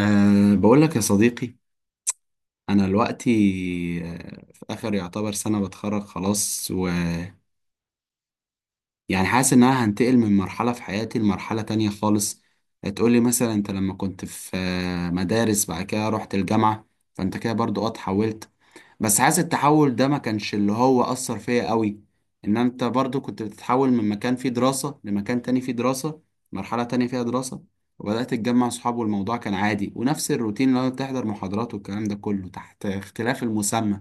بقول لك يا صديقي، أنا دلوقتي في آخر يعتبر سنة بتخرج خلاص ويعني حاسس إن أنا هنتقل من مرحلة في حياتي لمرحلة تانية خالص. هتقولي مثلا أنت لما كنت في مدارس، بعد كده رحت الجامعة، فأنت كده برضو اتحولت، بس حاسس التحول ده ما كانش اللي هو أثر فيا قوي. إن أنت برضو كنت بتتحول من مكان فيه دراسة لمكان تاني فيه دراسة، مرحلة تانية فيها دراسة، وبدأت تتجمع صحاب والموضوع كان عادي ونفس الروتين اللي هو بتحضر محاضرات والكلام ده كله تحت اختلاف المسمى،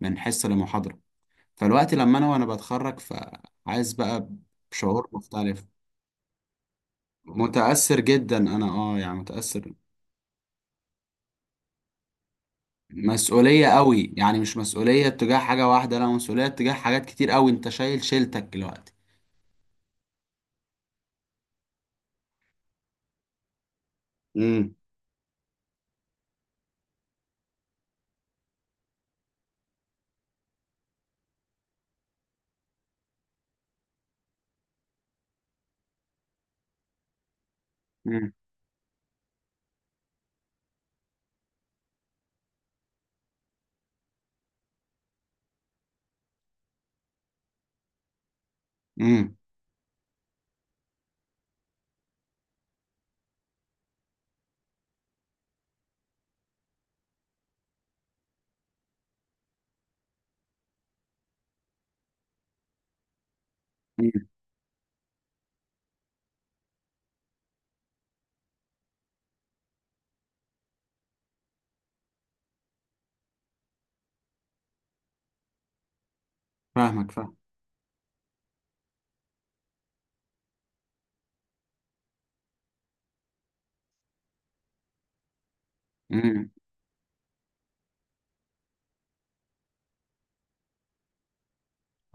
من حصة لمحاضرة. فالوقت لما أنا وأنا بتخرج فعايز بقى بشعور مختلف. متأثر جدا أنا، يعني متأثر. مسؤولية قوي، يعني مش مسؤولية تجاه حاجة واحدة، لا مسؤولية تجاه حاجات كتير قوي، أنت شايل شيلتك دلوقتي. امم. امم. امم. فاهمك، فاهم. امم.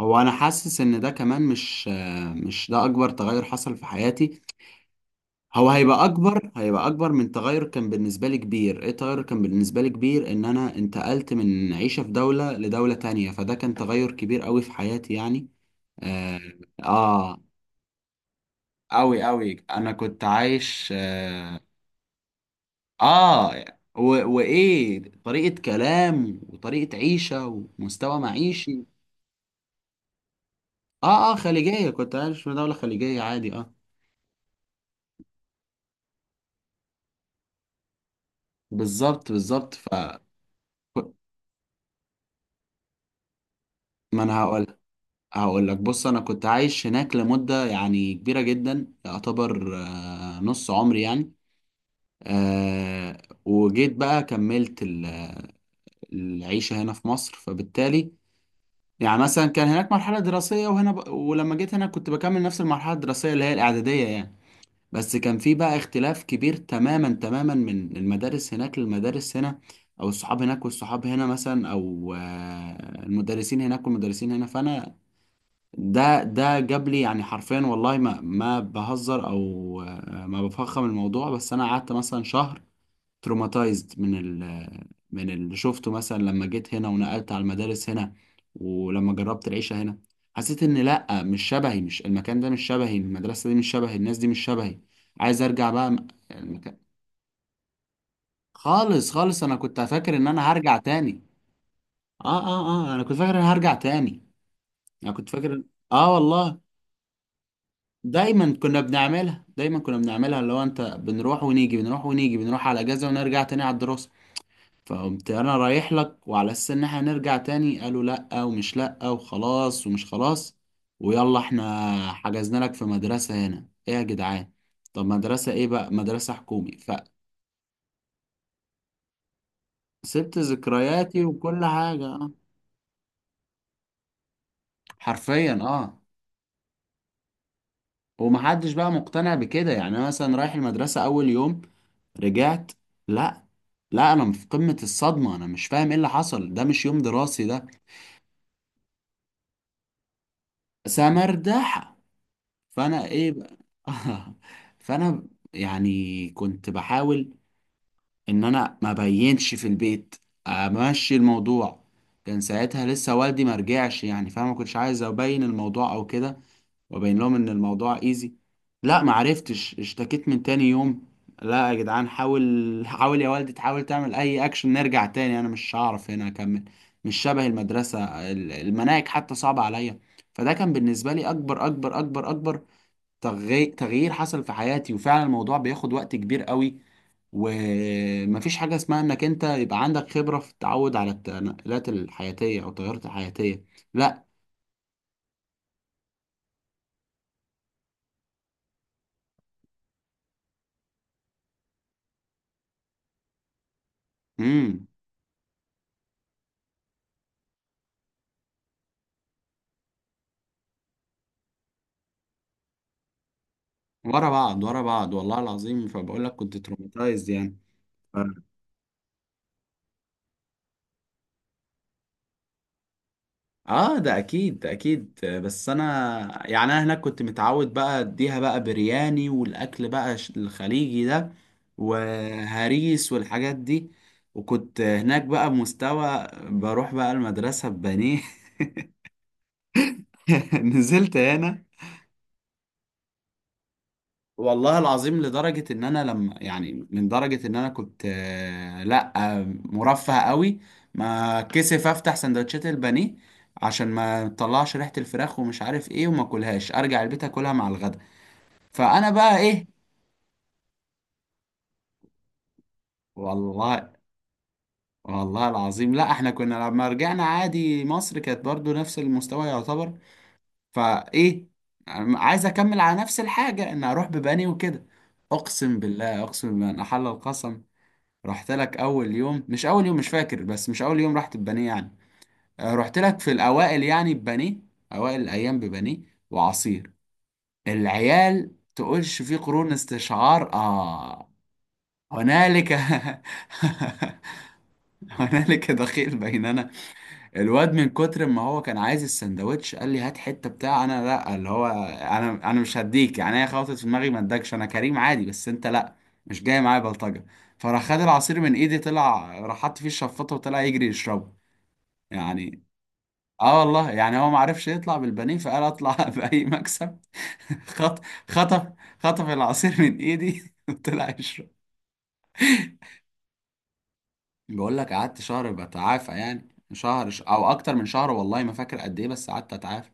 هو انا حاسس ان ده كمان مش، مش ده اكبر تغير حصل في حياتي. هو هيبقى اكبر، هيبقى اكبر من تغير كان بالنسبه لي كبير. ايه تغير كان بالنسبه لي كبير؟ ان انا انتقلت من عيشه في دوله لدوله تانية، فده كان تغير كبير قوي في حياتي يعني. اه. آه. قوي قوي، انا كنت عايش، اه. آه. و... وايه، طريقه كلام وطريقه عيشه ومستوى معيشي. اه اه، خليجية، كنت عايش في دولة خليجية عادي، اه. بالظبط بالظبط، ما انا هقول لك. بص انا كنت عايش هناك لمدة يعني كبيرة جدا، يعتبر نص عمري يعني. وجيت بقى كملت العيشة هنا في مصر، فبالتالي يعني مثلا كان هناك مرحلة دراسية، وهنا ولما جيت هنا كنت بكمل نفس المرحلة الدراسية اللي هي الإعدادية يعني. بس كان في بقى اختلاف كبير تماما تماما، من المدارس هناك للمدارس هنا، او الصحاب هناك والصحاب هنا مثلا، او المدرسين هناك والمدرسين هنا. فانا، ده جاب لي يعني حرفيا، والله ما بهزر، او ما بفخم الموضوع، بس انا قعدت مثلا شهر تروماتايزد من من اللي شفته مثلا لما جيت هنا ونقلت على المدارس هنا. ولما جربت العيشة هنا، حسيت ان لا، مش شبهي، مش المكان ده مش شبهي، المدرسة دي مش شبهي، الناس دي مش شبهي. عايز ارجع بقى المكان. خالص خالص، انا كنت فاكر ان انا هرجع تاني. اه. اه اه، انا كنت فاكر ان أنا هرجع تاني، انا كنت فاكر. اه والله، دايما كنا بنعملها، دايما كنا بنعملها، اللي هو انت بنروح ونيجي، بنروح ونيجي، بنروح على اجازة ونرجع تاني على الدراسة. فقمت انا رايح لك وعلى اساس ان احنا نرجع تاني، قالوا لا، ومش لا وخلاص ومش خلاص، ويلا احنا حجزنا لك في مدرسة هنا، ايه يا جدعان؟ طب مدرسة ايه بقى؟ مدرسة حكومي. فسبت ذكرياتي وكل حاجة، حرفيا، اه. ومحدش بقى مقتنع بكده، يعني انا مثلا رايح المدرسة اول يوم، رجعت. لا، لا، انا في قمة الصدمة، انا مش فاهم ايه اللي حصل، ده مش يوم دراسي ده. سمردحة. فانا ايه بقى؟ فانا يعني كنت بحاول ان انا ما بينش في البيت، امشي الموضوع. كان ساعتها لسه والدي ما رجعش، يعني فانا ما كنتش عايز ابين الموضوع او كده، وابين لهم ان الموضوع ايزي. لا، ما عرفتش، اشتكيت من تاني يوم. لا يا جدعان حاول، حاول يا والدي، تحاول تعمل اي اكشن، نرجع تاني، انا مش هعرف هنا اكمل، مش شبه المدرسة، المناهج حتى صعبة عليا. فده كان بالنسبة لي اكبر اكبر اكبر اكبر تغيير حصل في حياتي، وفعلا الموضوع بياخد وقت كبير قوي، ومفيش حاجة اسمها انك انت يبقى عندك خبرة في التعود على التنقلات الحياتية او التغيرات الحياتية. لا. امم. ورا بعض، ورا بعض، والله العظيم، فبقول لك كنت تروماتايزد يعني. اه، ده اكيد، ده اكيد، بس انا يعني انا هناك كنت متعود بقى اديها بقى برياني، والاكل بقى الخليجي ده، وهريس والحاجات دي، وكنت هناك بقى بمستوى، بروح بقى المدرسة ببانيه. نزلت هنا، والله العظيم لدرجة ان انا لما يعني، من درجة ان انا كنت لا، مرفه قوي، ما كسف افتح سندوتشات البانيه عشان ما تطلعش ريحة الفراخ ومش عارف ايه، وما اكلهاش، ارجع البيت اكلها مع الغدا. فانا بقى ايه، والله. والله العظيم، لا احنا كنا لما رجعنا عادي مصر كانت برضو نفس المستوى يعتبر، فايه، عايز اكمل على نفس الحاجة، ان اروح ببانيه وكده. اقسم بالله، اقسم بالله ان احل القسم. رحت لك اول يوم، مش اول يوم مش فاكر، بس مش اول يوم رحت ببانيه يعني، رحت لك في الاوائل يعني ببانيه، اوائل الايام ببانيه وعصير. العيال تقولش في قرون استشعار، اه. هنالك. هنالك دخيل بيننا. الواد من كتر ما هو كان عايز السندوتش، قال لي هات حته بتاع انا، لا اللي هو انا، انا مش هديك يعني، هي خبطت في دماغي ما ادكش انا كريم عادي، بس انت لا، مش جاي معايا بلطجه. فراح خد العصير من ايدي، طلع راح حط فيه الشفاطه وطلع يجري يشربه يعني. اه والله يعني، هو ما عرفش يطلع بالبانيه، فقال اطلع، باي مكسب. خط خطف خطف العصير من ايدي، وطلع يشربه. بقول لك قعدت شهر بتعافى، يعني شهر، او اكتر من شهر، والله ما فاكر قد ايه، بس قعدت اتعافى.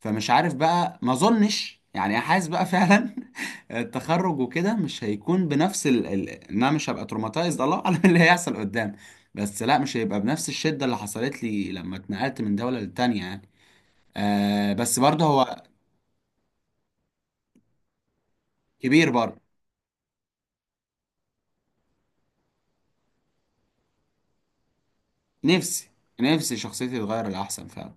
فمش عارف بقى، ما اظنش يعني، حاسس بقى فعلا التخرج وكده مش هيكون بنفس ان انا مش هبقى تروماتايزد. الله اعلم إيه اللي هيحصل قدام، بس لا، مش هيبقى بنفس الشدة اللي حصلت لي لما اتنقلت من دولة للتانية يعني. بس برضه هو كبير برضه. نفسي، نفسي شخصيتي تتغير للأحسن فعلا.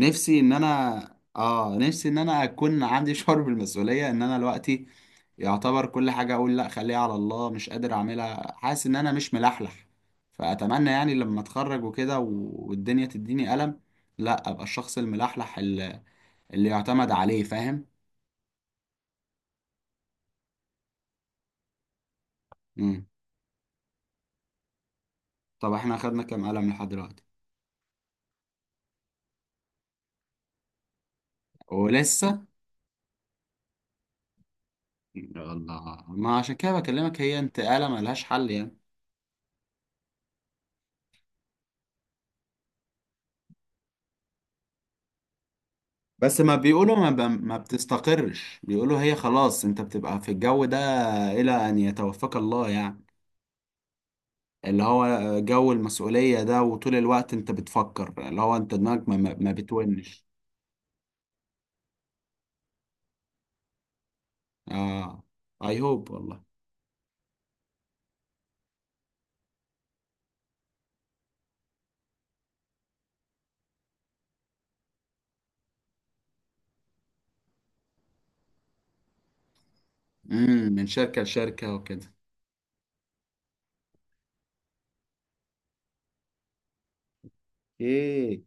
نفسي ان انا، اه نفسي ان انا اكون عندي شعور بالمسؤولية، ان انا دلوقتي يعتبر كل حاجة أقول لأ خليها على الله، مش قادر أعملها، حاسس إن أنا مش ملحلح. فأتمنى يعني لما أتخرج وكده والدنيا تديني قلم، لأ أبقى الشخص الملحلح، اللي يعتمد عليه، فاهم؟ مم. طب إحنا أخدنا كام قلم لحد دلوقتي؟ ولسه؟ يا الله، ما عشان كده بكلمك، هي انتقالة ملهاش حل يعني. بس ما بيقولوا، ما بتستقرش، بيقولوا هي خلاص أنت بتبقى في الجو ده إلى أن يتوفاك الله يعني. اللي هو جو المسؤولية ده، وطول الوقت انت بتفكر، اللي هو انت دماغك ما بتونش. اه. اي هوب والله. امم. من شركة لشركة وكده. ايه.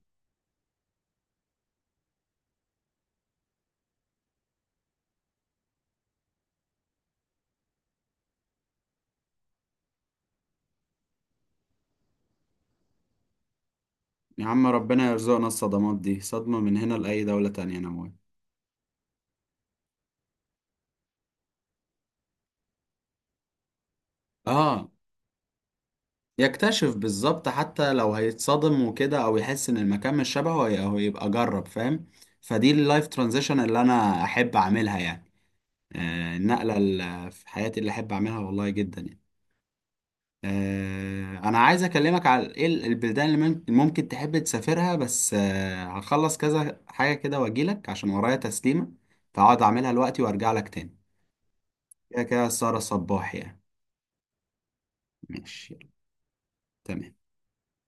يا عم ربنا يرزقنا الصدمات دي، صدمة من هنا لأي دولة تانية انا موافق. اه. يكتشف بالظبط، حتى لو هيتصدم وكده او يحس ان المكان مش شبهه، هو يبقى جرب، فاهم؟ فدي اللايف ترانزيشن اللي انا احب اعملها يعني. آه، النقلة اللي في حياتي اللي احب اعملها، والله جدا يعني. انا عايز اكلمك على ايه، البلدان اللي ممكن تحب تسافرها، بس هخلص كذا حاجه كده واجيلك عشان ورايا تسليمه، فاقعد اعملها دلوقتي وارجع لك تاني. كده كده السهره صباح يعني. ماشي. تمام.